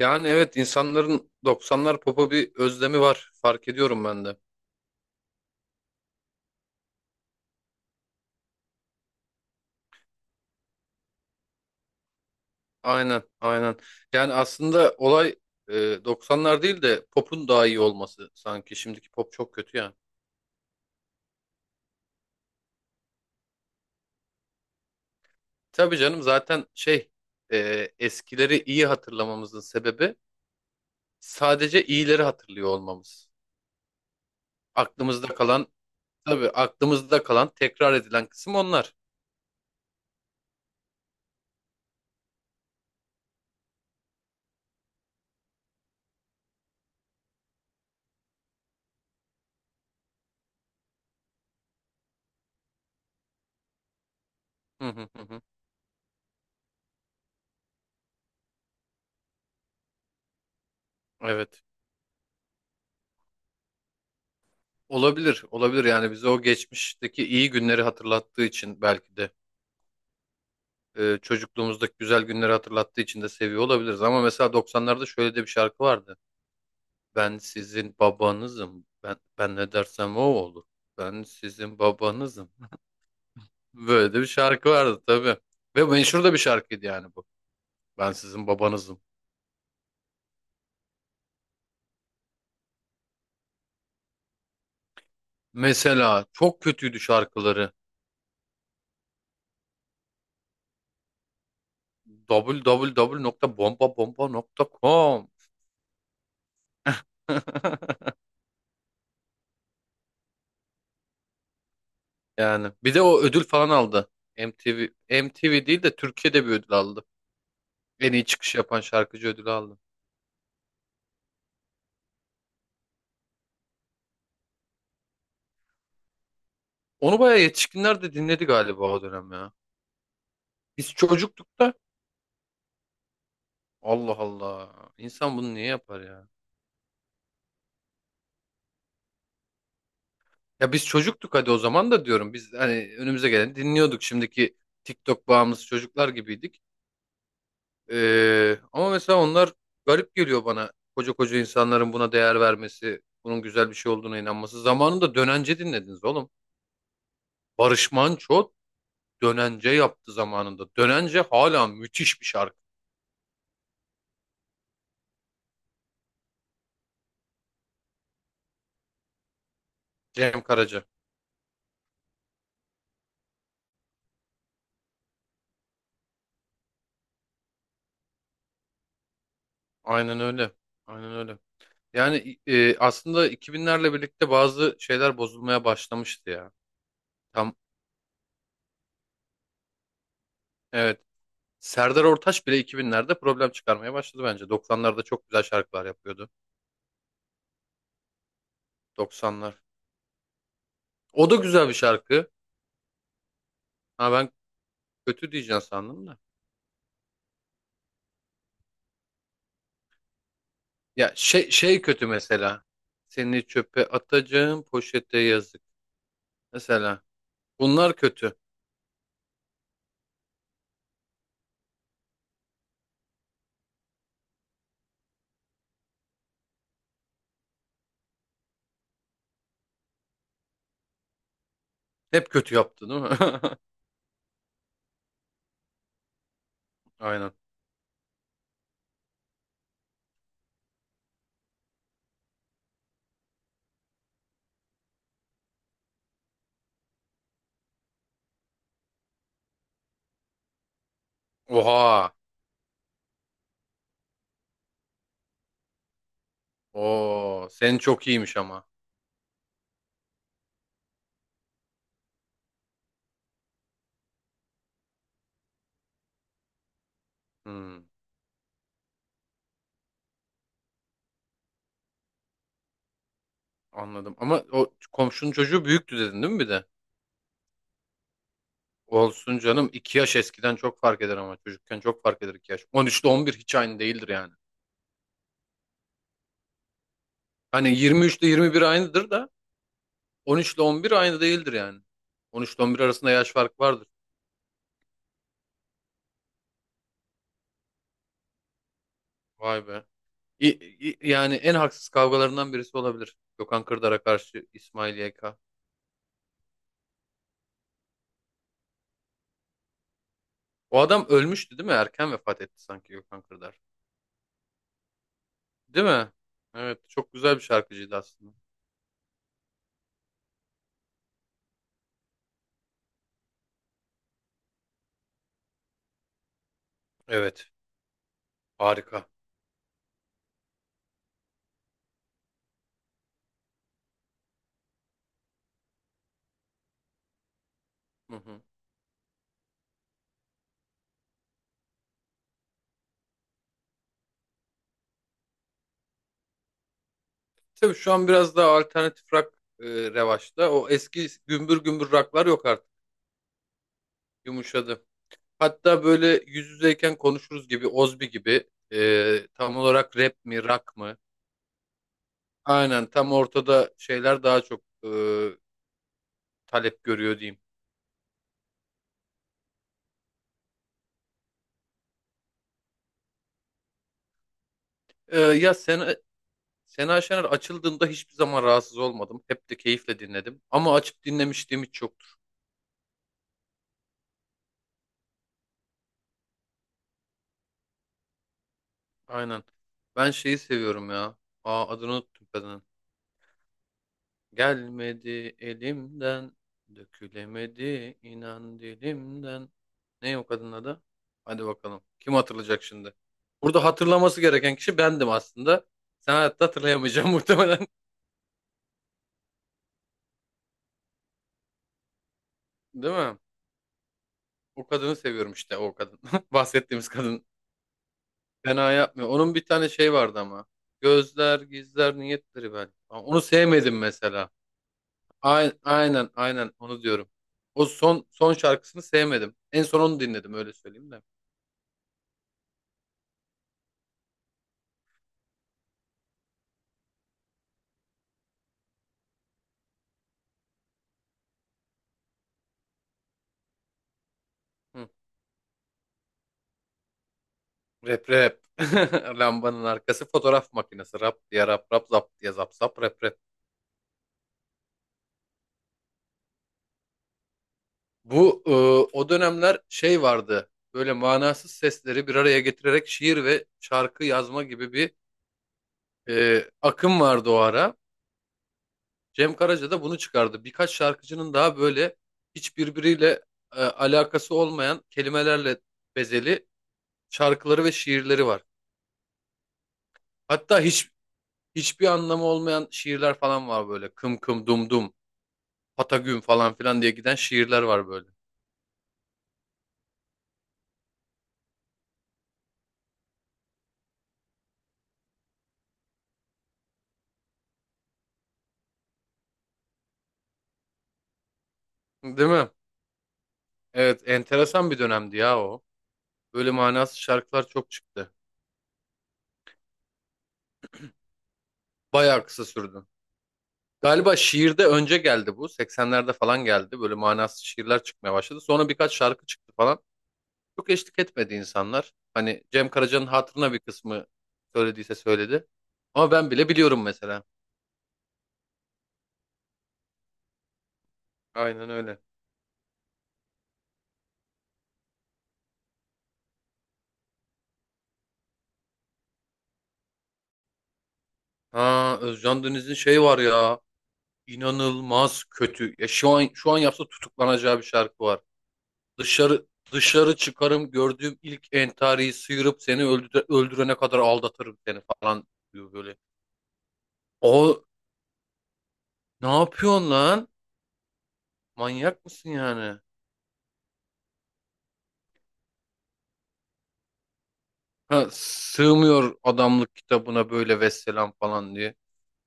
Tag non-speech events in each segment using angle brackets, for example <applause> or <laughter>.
Yani evet insanların 90'lar popa bir özlemi var. Fark ediyorum ben de. Aynen, aynen. Yani aslında olay 90'lar değil de popun daha iyi olması sanki. Şimdiki pop çok kötü ya. Tabii canım zaten eskileri iyi hatırlamamızın sebebi sadece iyileri hatırlıyor olmamız. Aklımızda kalan tabii Aklımızda kalan tekrar edilen kısım onlar. Hı hı hı. Hı. Evet. Olabilir, olabilir yani bize o geçmişteki iyi günleri hatırlattığı için belki de. Çocukluğumuzdaki güzel günleri hatırlattığı için de seviyor olabiliriz. Ama mesela 90'larda şöyle de bir şarkı vardı. Ben sizin babanızım. Ben ne dersem o olur. Ben sizin babanızım. <laughs> Böyle de bir şarkı vardı tabii. Ve meşhur da bir şarkıydı yani bu. Ben sizin babanızım. Mesela çok kötüydü şarkıları. www.bombabomba.com <laughs> Yani bir de o ödül falan aldı. MTV MTV değil de Türkiye'de bir ödül aldı. En iyi çıkış yapan şarkıcı ödülü aldı. Onu bayağı yetişkinler de dinledi galiba o dönem ya. Biz çocuktuk da Allah Allah. İnsan bunu niye yapar ya? Ya biz çocuktuk hadi o zaman da diyorum. Biz hani önümüze gelen dinliyorduk. Şimdiki TikTok bağımlısı çocuklar gibiydik. Ama mesela onlar garip geliyor bana. Koca koca insanların buna değer vermesi, bunun güzel bir şey olduğuna inanması. Zamanında Dönence dinlediniz oğlum. Barış Manço Dönence yaptı zamanında. Dönence hala müthiş bir şarkı. Cem Karaca. Aynen öyle. Aynen öyle. Yani aslında 2000'lerle birlikte bazı şeyler bozulmaya başlamıştı ya. Tam evet. Serdar Ortaç bile 2000'lerde problem çıkarmaya başladı bence. 90'larda çok güzel şarkılar yapıyordu. 90'lar. O da güzel bir şarkı. Ha ben kötü diyeceğim sandım da. Ya şey kötü mesela. Seni çöpe atacağım poşete yazık. Mesela bunlar kötü. Hep kötü yaptı değil mi? <laughs> Aynen. Oha. Oo, senin çok iyiymiş ama. Hmm. Anladım. Ama o komşunun çocuğu büyüktü dedin değil mi bir de? Olsun canım. İki yaş eskiden çok fark eder ama çocukken çok fark eder 2 yaş. 13 ile 11 hiç aynı değildir yani. Hani 23 ile 21 aynıdır da 13 ile 11 aynı değildir yani. 13 ile on bir arasında yaş farkı vardır. Vay be. İ- Yani en haksız kavgalarından birisi olabilir. Gökhan Kırdar'a karşı İsmail YK. O adam ölmüştü değil mi? Erken vefat etti sanki Gökhan Kırdar. Değil mi? Evet, çok güzel bir şarkıcıydı aslında. Evet, harika. Hı hı. Tabii şu an biraz daha alternatif rock revaçta. O eski gümbür gümbür rocklar yok artık. Yumuşadı. Hatta böyle yüz yüzeyken konuşuruz gibi, Ozbi gibi tam olarak rap mi, rock mı? Aynen tam ortada şeyler daha çok talep görüyor diyeyim. Ya Sena Şener açıldığında hiçbir zaman rahatsız olmadım. Hep de keyifle dinledim. Ama açıp dinlemişliğim hiç yoktur. Aynen. Ben şeyi seviyorum ya. Aa, adını unuttum kadının. Gelmedi elimden, dökülemedi inan dilimden. Ne o kadının adı? Hadi bakalım. Kim hatırlayacak şimdi? Burada hatırlaması gereken kişi bendim aslında. Sen hayatta hatırlayamayacaksın <laughs> muhtemelen. Değil mi? O kadını seviyorum işte o kadın. <laughs> Bahsettiğimiz kadın. Fena yapmıyor. Onun bir tane şey vardı ama. Gözler gizler niyetleri belki. Ama onu sevmedim mesela. Aynen aynen aynen onu diyorum. O son şarkısını sevmedim. En son onu dinledim öyle söyleyeyim de. Hı. Rap rap. <laughs> Lambanın arkası fotoğraf makinesi. Rap diye rap rap zap diye zap zap rap rap. Bu e, O dönemler şey vardı. Böyle manasız sesleri bir araya getirerek şiir ve şarkı yazma gibi bir akım vardı o ara. Cem Karaca da bunu çıkardı. Birkaç şarkıcının daha böyle hiç birbiriyle alakası olmayan kelimelerle bezeli şarkıları ve şiirleri var. Hatta hiçbir anlamı olmayan şiirler falan var böyle. Kım kım dum dum. Patagün falan filan diye giden şiirler var böyle. Değil mi? Evet, enteresan bir dönemdi ya o. Böyle manasız şarkılar çok çıktı. Bayağı kısa sürdü. Galiba şiirde önce geldi bu. 80'lerde falan geldi. Böyle manasız şiirler çıkmaya başladı. Sonra birkaç şarkı çıktı falan. Çok eşlik etmedi insanlar. Hani Cem Karaca'nın hatırına bir kısmı söylediyse söyledi. Ama ben bile biliyorum mesela. Aynen öyle. Ha Özcan Deniz'in şey var ya. İnanılmaz kötü. Ya şu an yapsa tutuklanacağı bir şarkı var. Dışarı Dışarı çıkarım gördüğüm ilk entariyi sıyırıp seni öldürene kadar aldatırım seni falan diyor böyle. O ne yapıyorsun lan? Manyak mısın yani? Ha, sığmıyor adamlık kitabına böyle vesselam falan diye.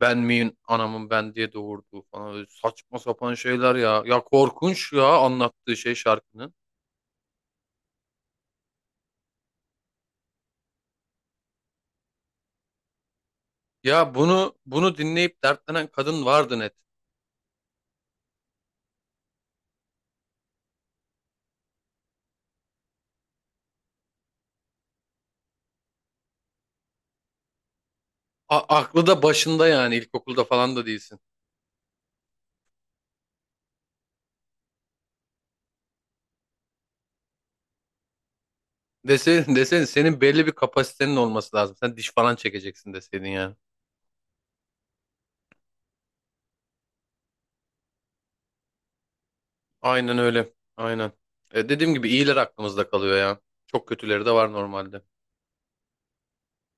Ben miyim anamın ben diye doğurduğu falan öyle saçma sapan şeyler ya. Ya korkunç ya anlattığı şey şarkının. Ya bunu dinleyip dertlenen kadın vardı net. Aklı da başında yani ilkokulda falan da değilsin. Deseydin, senin belli bir kapasitenin olması lazım. Sen diş falan çekeceksin deseydin yani. Aynen öyle. Aynen. Dediğim gibi iyiler aklımızda kalıyor ya. Çok kötüleri de var normalde.